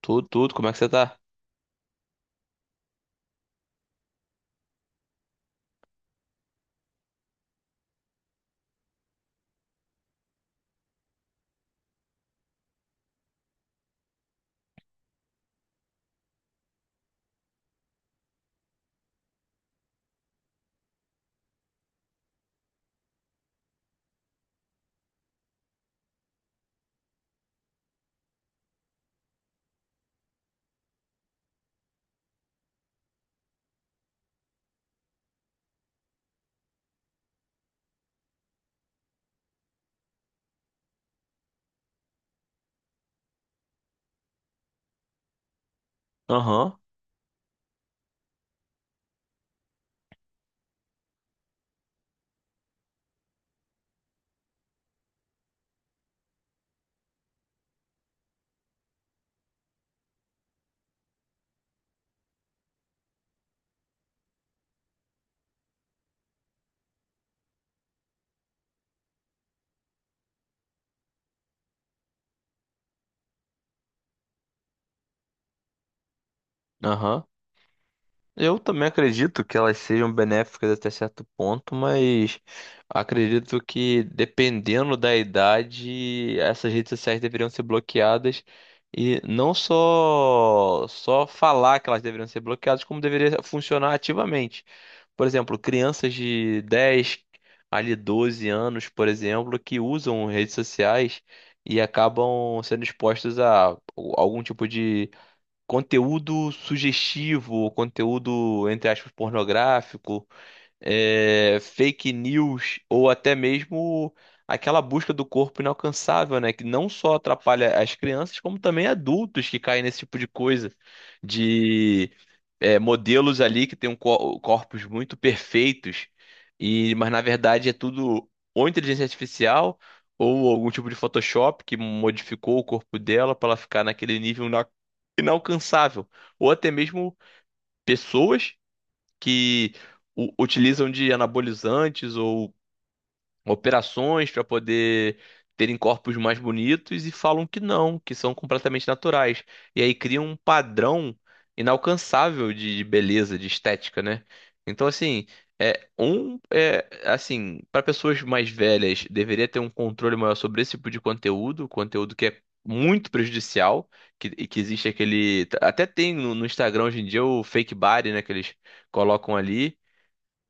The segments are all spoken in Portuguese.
Tudo, tudo, como é que você tá? Aham, aham. Eu também acredito que elas sejam benéficas até certo ponto, mas acredito que dependendo da idade, essas redes sociais deveriam ser bloqueadas e não só falar que elas deveriam ser bloqueadas, como deveria funcionar ativamente. Por exemplo, crianças de 10 ali 12 anos, por exemplo, que usam redes sociais e acabam sendo expostas a algum tipo de conteúdo sugestivo, conteúdo, entre aspas, pornográfico, fake news ou até mesmo aquela busca do corpo inalcançável, né? Que não só atrapalha as crianças, como também adultos que caem nesse tipo de coisa, de modelos ali que têm corpos muito perfeitos, e mas na verdade é tudo ou inteligência artificial ou algum tipo de Photoshop que modificou o corpo dela para ela ficar naquele nível inalcançável, ou até mesmo pessoas que utilizam de anabolizantes ou operações para poder terem corpos mais bonitos e falam que não, que são completamente naturais. E aí criam um padrão inalcançável de beleza, de estética, né? Então, assim, é assim, para pessoas mais velhas, deveria ter um controle maior sobre esse tipo de conteúdo, conteúdo que é muito prejudicial, e que existe aquele, até tem no Instagram hoje em dia o fake body, né, que eles colocam ali,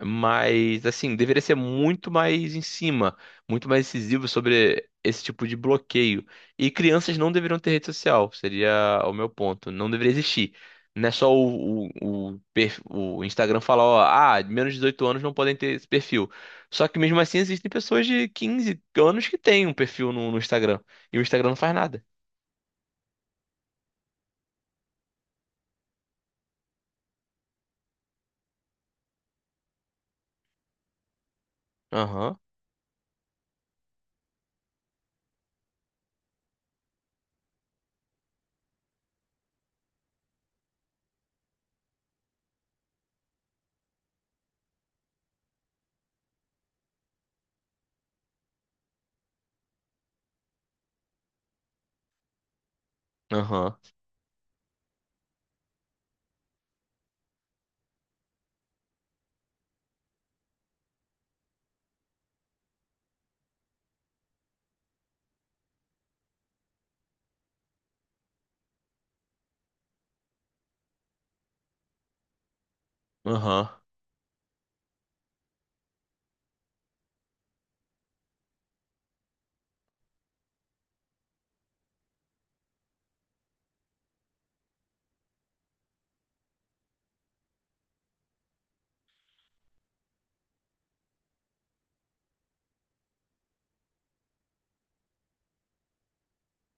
mas, assim, deveria ser muito mais em cima, muito mais incisivo sobre esse tipo de bloqueio. E crianças não deveriam ter rede social, seria o meu ponto. Não deveria existir. Não é só o Instagram falar: ó, ah, menos de 18 anos não podem ter esse perfil. Só que mesmo assim existem pessoas de 15 anos que têm um perfil no Instagram. E o Instagram não faz nada. Aham, aham, aham.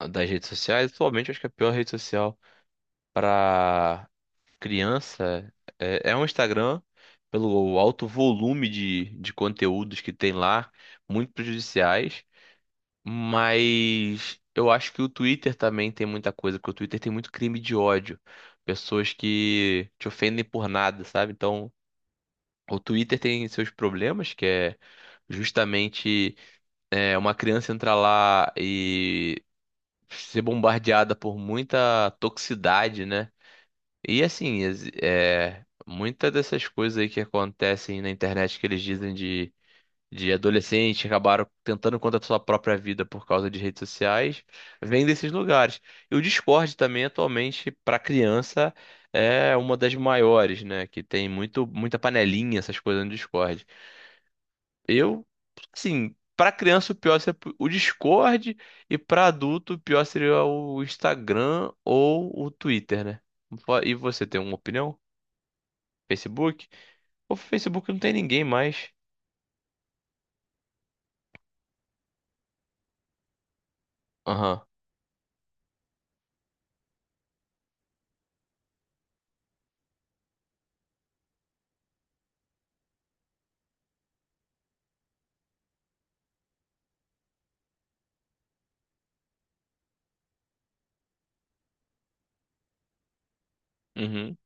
Das redes sociais, atualmente eu acho que é a pior rede social para criança, é um Instagram pelo alto volume de conteúdos que tem lá, muito prejudiciais, mas eu acho que o Twitter também tem muita coisa, porque o Twitter tem muito crime de ódio, pessoas que te ofendem por nada, sabe? Então, o Twitter tem seus problemas, que é justamente uma criança entrar lá e ser bombardeada por muita toxicidade, né? E assim, muitas dessas coisas aí que acontecem na internet que eles dizem de adolescente que acabaram tentando contra a sua própria vida por causa de redes sociais, vem desses lugares. E o Discord também, atualmente, para criança, é uma das maiores, né? Que tem muito, muita panelinha, essas coisas no Discord. Eu, assim, para criança o pior seria o Discord e para adulto o pior seria o Instagram ou o Twitter, né? E você tem uma opinião? Facebook? O Facebook não tem ninguém mais. Aham. Uhum. O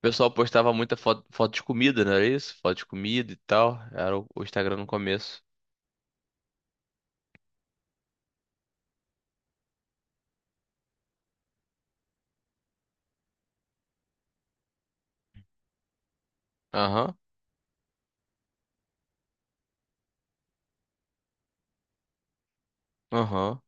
pessoal postava muita foto, foto de comida, não era isso? Foto de comida e tal. Era o Instagram no começo. Aham, aham,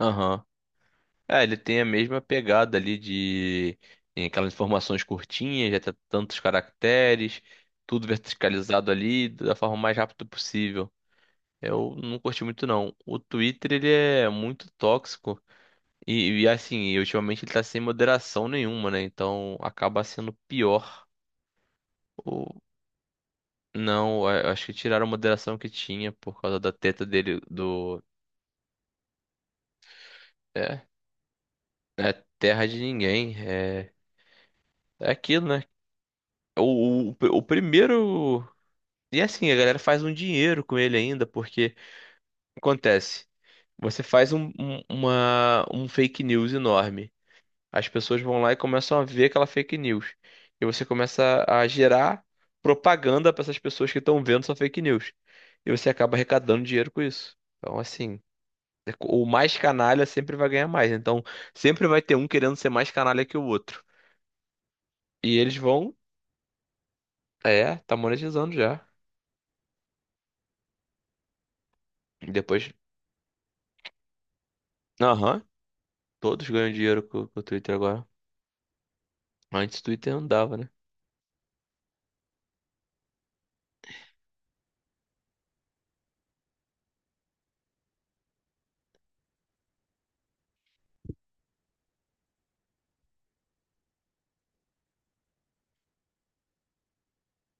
aham. É, ele tem a mesma pegada ali de tem aquelas informações curtinhas, já tem tantos caracteres, tudo verticalizado ali da forma mais rápida possível. Eu não curti muito não. O Twitter, ele é muito tóxico. E, assim, e ultimamente ele tá sem moderação nenhuma, né? Então acaba sendo pior. Ou não, acho que tiraram a moderação que tinha por causa da treta dele do. É, é, terra de ninguém. É, aquilo, né? O primeiro. E assim, a galera faz um dinheiro com ele ainda, porque acontece. Você faz um fake news enorme. As pessoas vão lá e começam a ver aquela fake news. E você começa a gerar propaganda para essas pessoas que estão vendo sua fake news. E você acaba arrecadando dinheiro com isso. Então, assim, o mais canalha sempre vai ganhar mais. Então, sempre vai ter um querendo ser mais canalha que o outro. E eles vão. É, tá monetizando já. E depois. Aham, todos ganham dinheiro com o Twitter agora. Antes o Twitter não dava, né?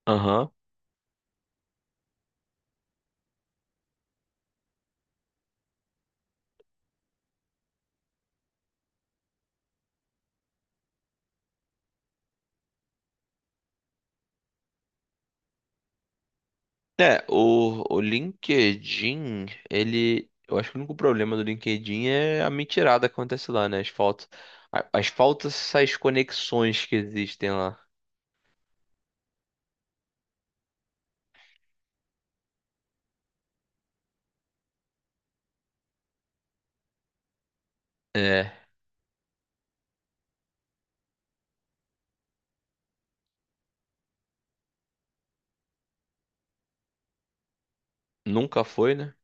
Aham. É, o LinkedIn, ele. Eu acho que o único problema do LinkedIn é a mentirada que acontece lá, né? As faltas. As faltas, essas conexões que existem lá. É, nunca foi, né?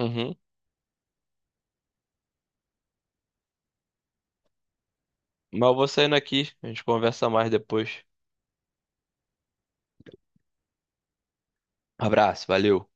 Uhum. Mas eu vou saindo aqui, a gente conversa mais depois. Abraço, valeu.